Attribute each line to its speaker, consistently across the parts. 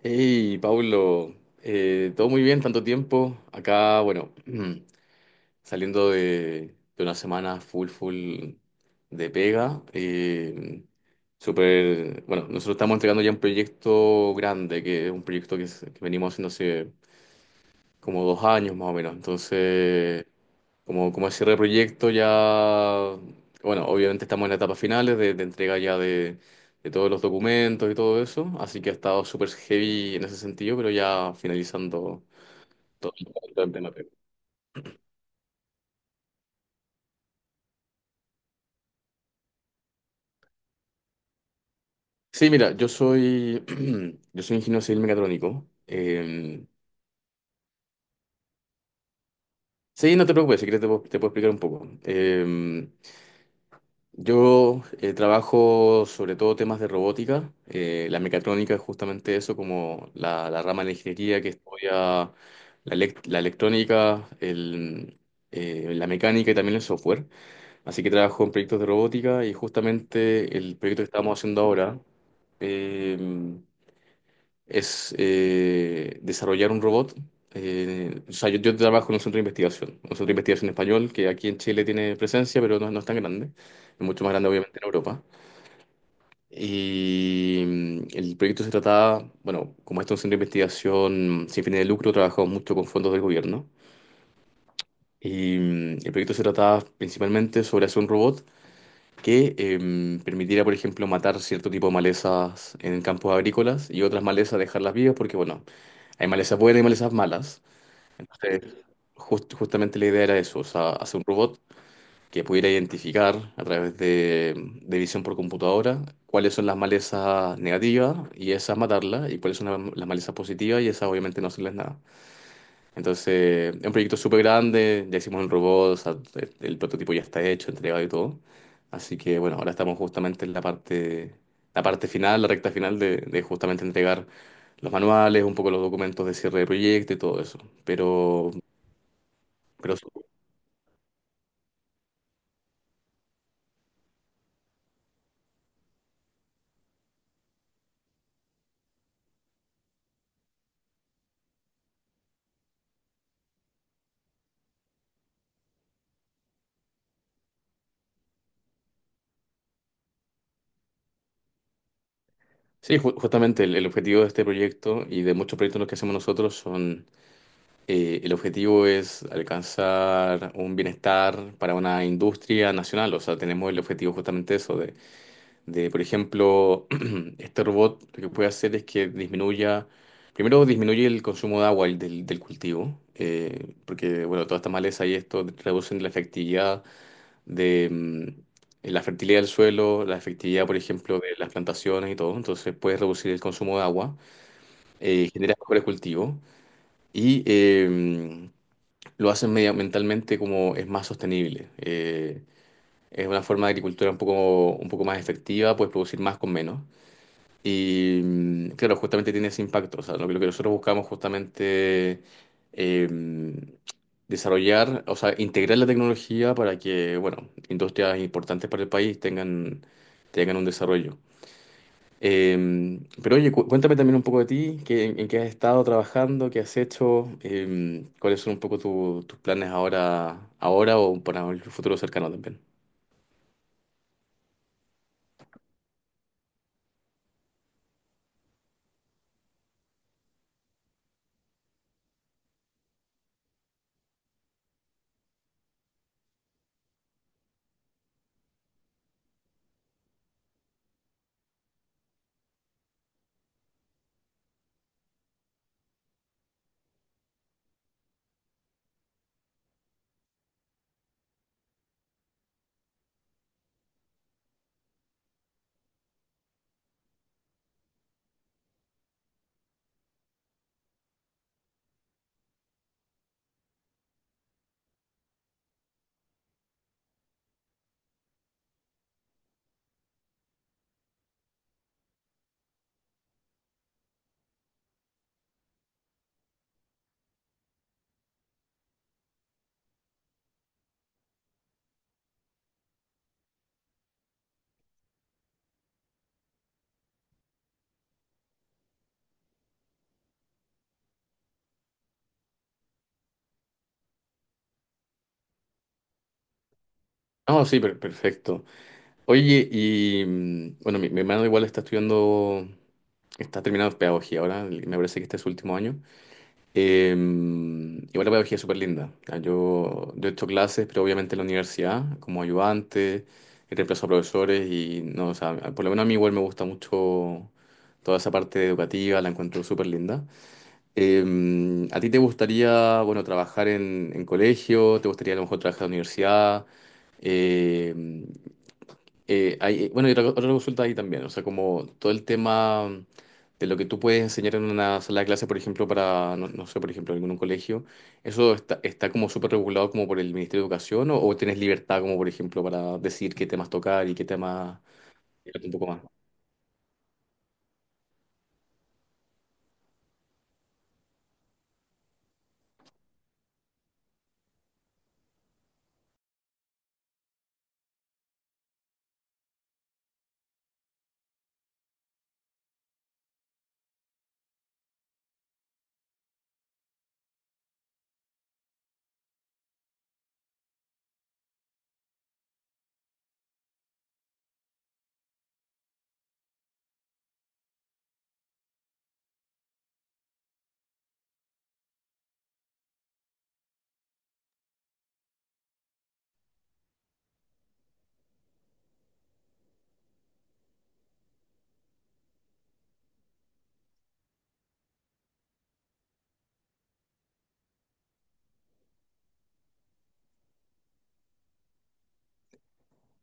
Speaker 1: Hey, Paulo, todo muy bien, tanto tiempo. Acá, bueno, saliendo de una semana full, full de pega. Súper, bueno, nosotros estamos entregando ya un proyecto grande, que es un proyecto que venimos haciendo hace como dos años más o menos. Entonces, como cierre de proyecto ya, bueno, obviamente estamos en la etapa finales de entrega ya de todos los documentos y todo eso, así que ha estado súper heavy en ese sentido, pero ya finalizando todo el tema. Sí, mira, yo soy ingeniero civil mecatrónico. Sí, no te preocupes, si quieres te puedo explicar un poco. Yo trabajo sobre todo temas de robótica. La mecatrónica es justamente eso, como la rama de la ingeniería que estudia la electrónica, la mecánica y también el software. Así que trabajo en proyectos de robótica y justamente el proyecto que estamos haciendo ahora. Em, es Desarrollar un robot. O sea, yo trabajo en un centro de investigación, un centro de investigación español que aquí en Chile tiene presencia, pero no es tan grande, es mucho más grande obviamente en Europa. Y el proyecto se trataba, bueno, como este es un centro de investigación sin fines de lucro, trabajamos mucho con fondos del gobierno. Y el proyecto se trataba principalmente sobre hacer un robot que permitiera, por ejemplo, matar cierto tipo de malezas en campos agrícolas y otras malezas dejarlas vivas porque, bueno, hay malezas buenas y malezas malas. Entonces, justamente la idea era eso, o sea, hacer un robot que pudiera identificar a través de visión por computadora cuáles son las malezas negativas y esas matarlas y cuáles son las malezas positivas y esas obviamente no hacerles nada. Entonces, es un proyecto súper grande, ya hicimos el robot, o sea, el prototipo ya está hecho, entregado y todo. Así que bueno, ahora estamos justamente en la parte final, la recta final de justamente entregar los manuales, un poco los documentos de cierre de proyecto y todo eso. Pero, pero sí, justamente el objetivo de este proyecto y de muchos proyectos los que hacemos nosotros son, el objetivo es alcanzar un bienestar para una industria nacional. O sea, tenemos el objetivo justamente eso, de, por ejemplo, este robot lo que puede hacer es que disminuya, primero disminuye el consumo de agua y del cultivo, porque, bueno, todas estas malezas y esto reducen la efectividad de la fertilidad del suelo, la efectividad, por ejemplo, de las plantaciones y todo, entonces puedes reducir el consumo de agua, genera mejores cultivos y lo hacen medioambientalmente como es más sostenible. Es una forma de agricultura un poco más efectiva, puedes producir más con menos. Y claro, justamente tiene ese impacto. O sea, lo que nosotros buscamos justamente eh, desarrollar, o sea, integrar la tecnología para que, bueno, industrias importantes para el país tengan un desarrollo. Pero oye, cuéntame también un poco de ti, en qué has estado trabajando, qué has hecho, cuáles son un poco tus planes ahora, ahora o para el futuro cercano también. No, sí, perfecto. Oye, y bueno, mi hermano igual está estudiando, está terminando pedagogía ahora, y me parece que este es su último año. Em, igual la pedagogía es súper linda. Ah, yo he hecho clases, pero obviamente en la universidad, como ayudante, he reemplazado a profesores y no, o sea, por lo menos a mí igual me gusta mucho toda esa parte educativa, la encuentro súper linda. Em, ¿a ti te gustaría, bueno, trabajar en colegio? ¿Te gustaría a lo mejor trabajar en la universidad? Eh, bueno, y otra, otra consulta ahí también, o sea, como todo el tema de lo que tú puedes enseñar en una sala de clase, por ejemplo, para, no, no sé, por ejemplo, algún colegio, ¿eso está, está como súper regulado como por el Ministerio de Educación o tienes libertad como, por ejemplo, para decir qué temas tocar y qué temas un poco más?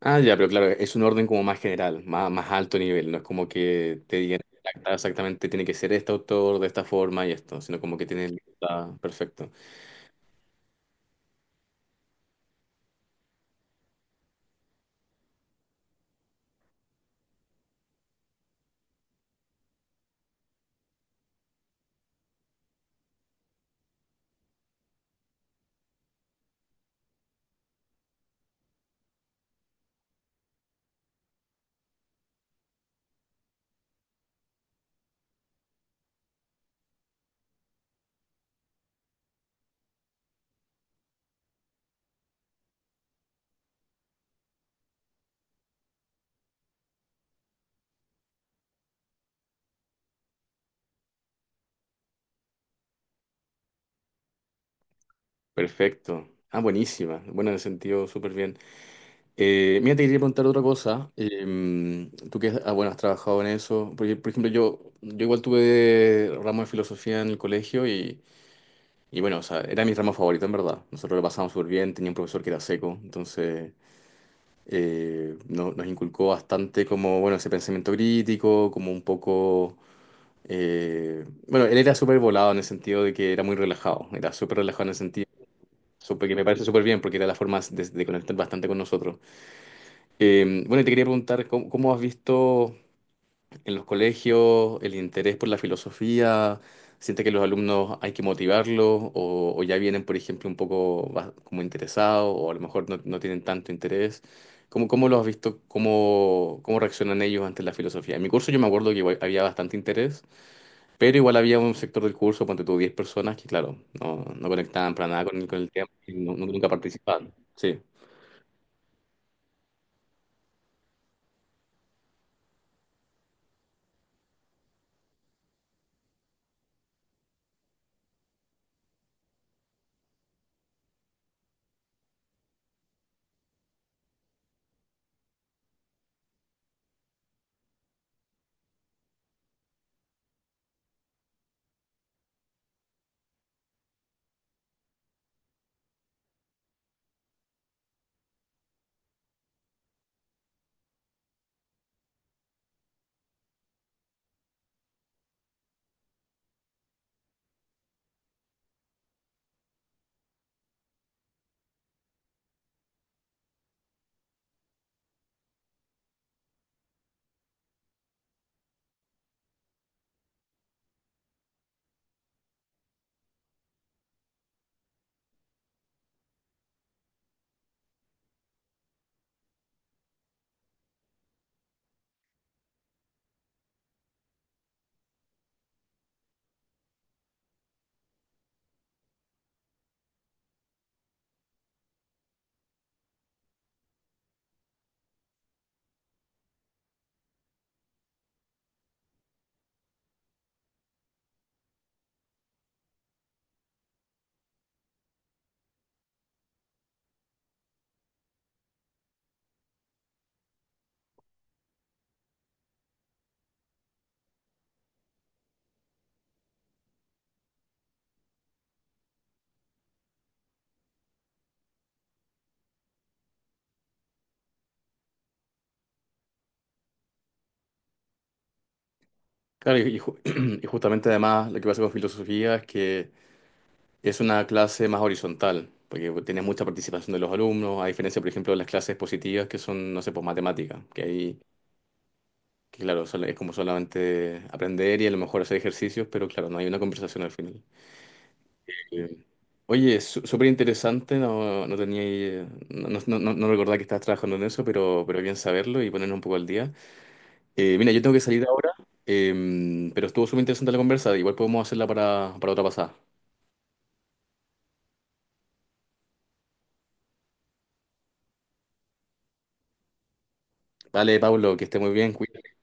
Speaker 1: Ah, ya, pero claro, es un orden como más general, más, más alto nivel, no es como que te digan: "Ah, exactamente tiene que ser este autor de esta forma y esto", sino como que tienes libertad, perfecto, perfecto. Ah, buenísima. Bueno, en ese sentido, súper bien. Mira, te quería preguntar otra cosa. Em, tú que ah, bueno, has trabajado en eso. Porque, por ejemplo, yo igual tuve ramo de filosofía en el colegio y bueno, o sea, era mi ramo favorito en verdad. Nosotros lo pasamos súper bien, tenía un profesor que era seco, entonces nos inculcó bastante como, bueno, ese pensamiento crítico, como un poco... bueno, él era súper volado en el sentido de que era muy relajado, era súper relajado en el sentido, que me parece súper bien porque era la forma de conectar bastante con nosotros. Bueno, y te quería preguntar, ¿cómo has visto en los colegios el interés por la filosofía? ¿Sientes que los alumnos hay que motivarlos o ya vienen, por ejemplo, un poco como interesados o a lo mejor no, no tienen tanto interés? ¿Cómo lo has visto? ¿Cómo reaccionan ellos ante la filosofía? En mi curso yo me acuerdo que igual había bastante interés, pero igual había un sector del curso, ponte tú 10 personas que, claro, no, no conectaban para nada con, el con el tema y nunca participaban. Sí. Claro, y y justamente además lo que pasa con filosofía es que es una clase más horizontal, porque tiene mucha participación de los alumnos, a diferencia, por ejemplo, de las clases positivas que son, no sé, pues matemáticas, que ahí, que claro, es como solamente aprender y a lo mejor hacer ejercicios, pero claro, no hay una conversación al final. Eh, Oye, súper interesante, no, no recordaba que estabas trabajando en eso, pero bien saberlo y ponernos un poco al día. Mira, yo tengo que salir ahora, em, pero estuvo súper interesante la conversa. Igual podemos hacerla para otra pasada. Vale, Pablo, que esté muy bien. Cuídate.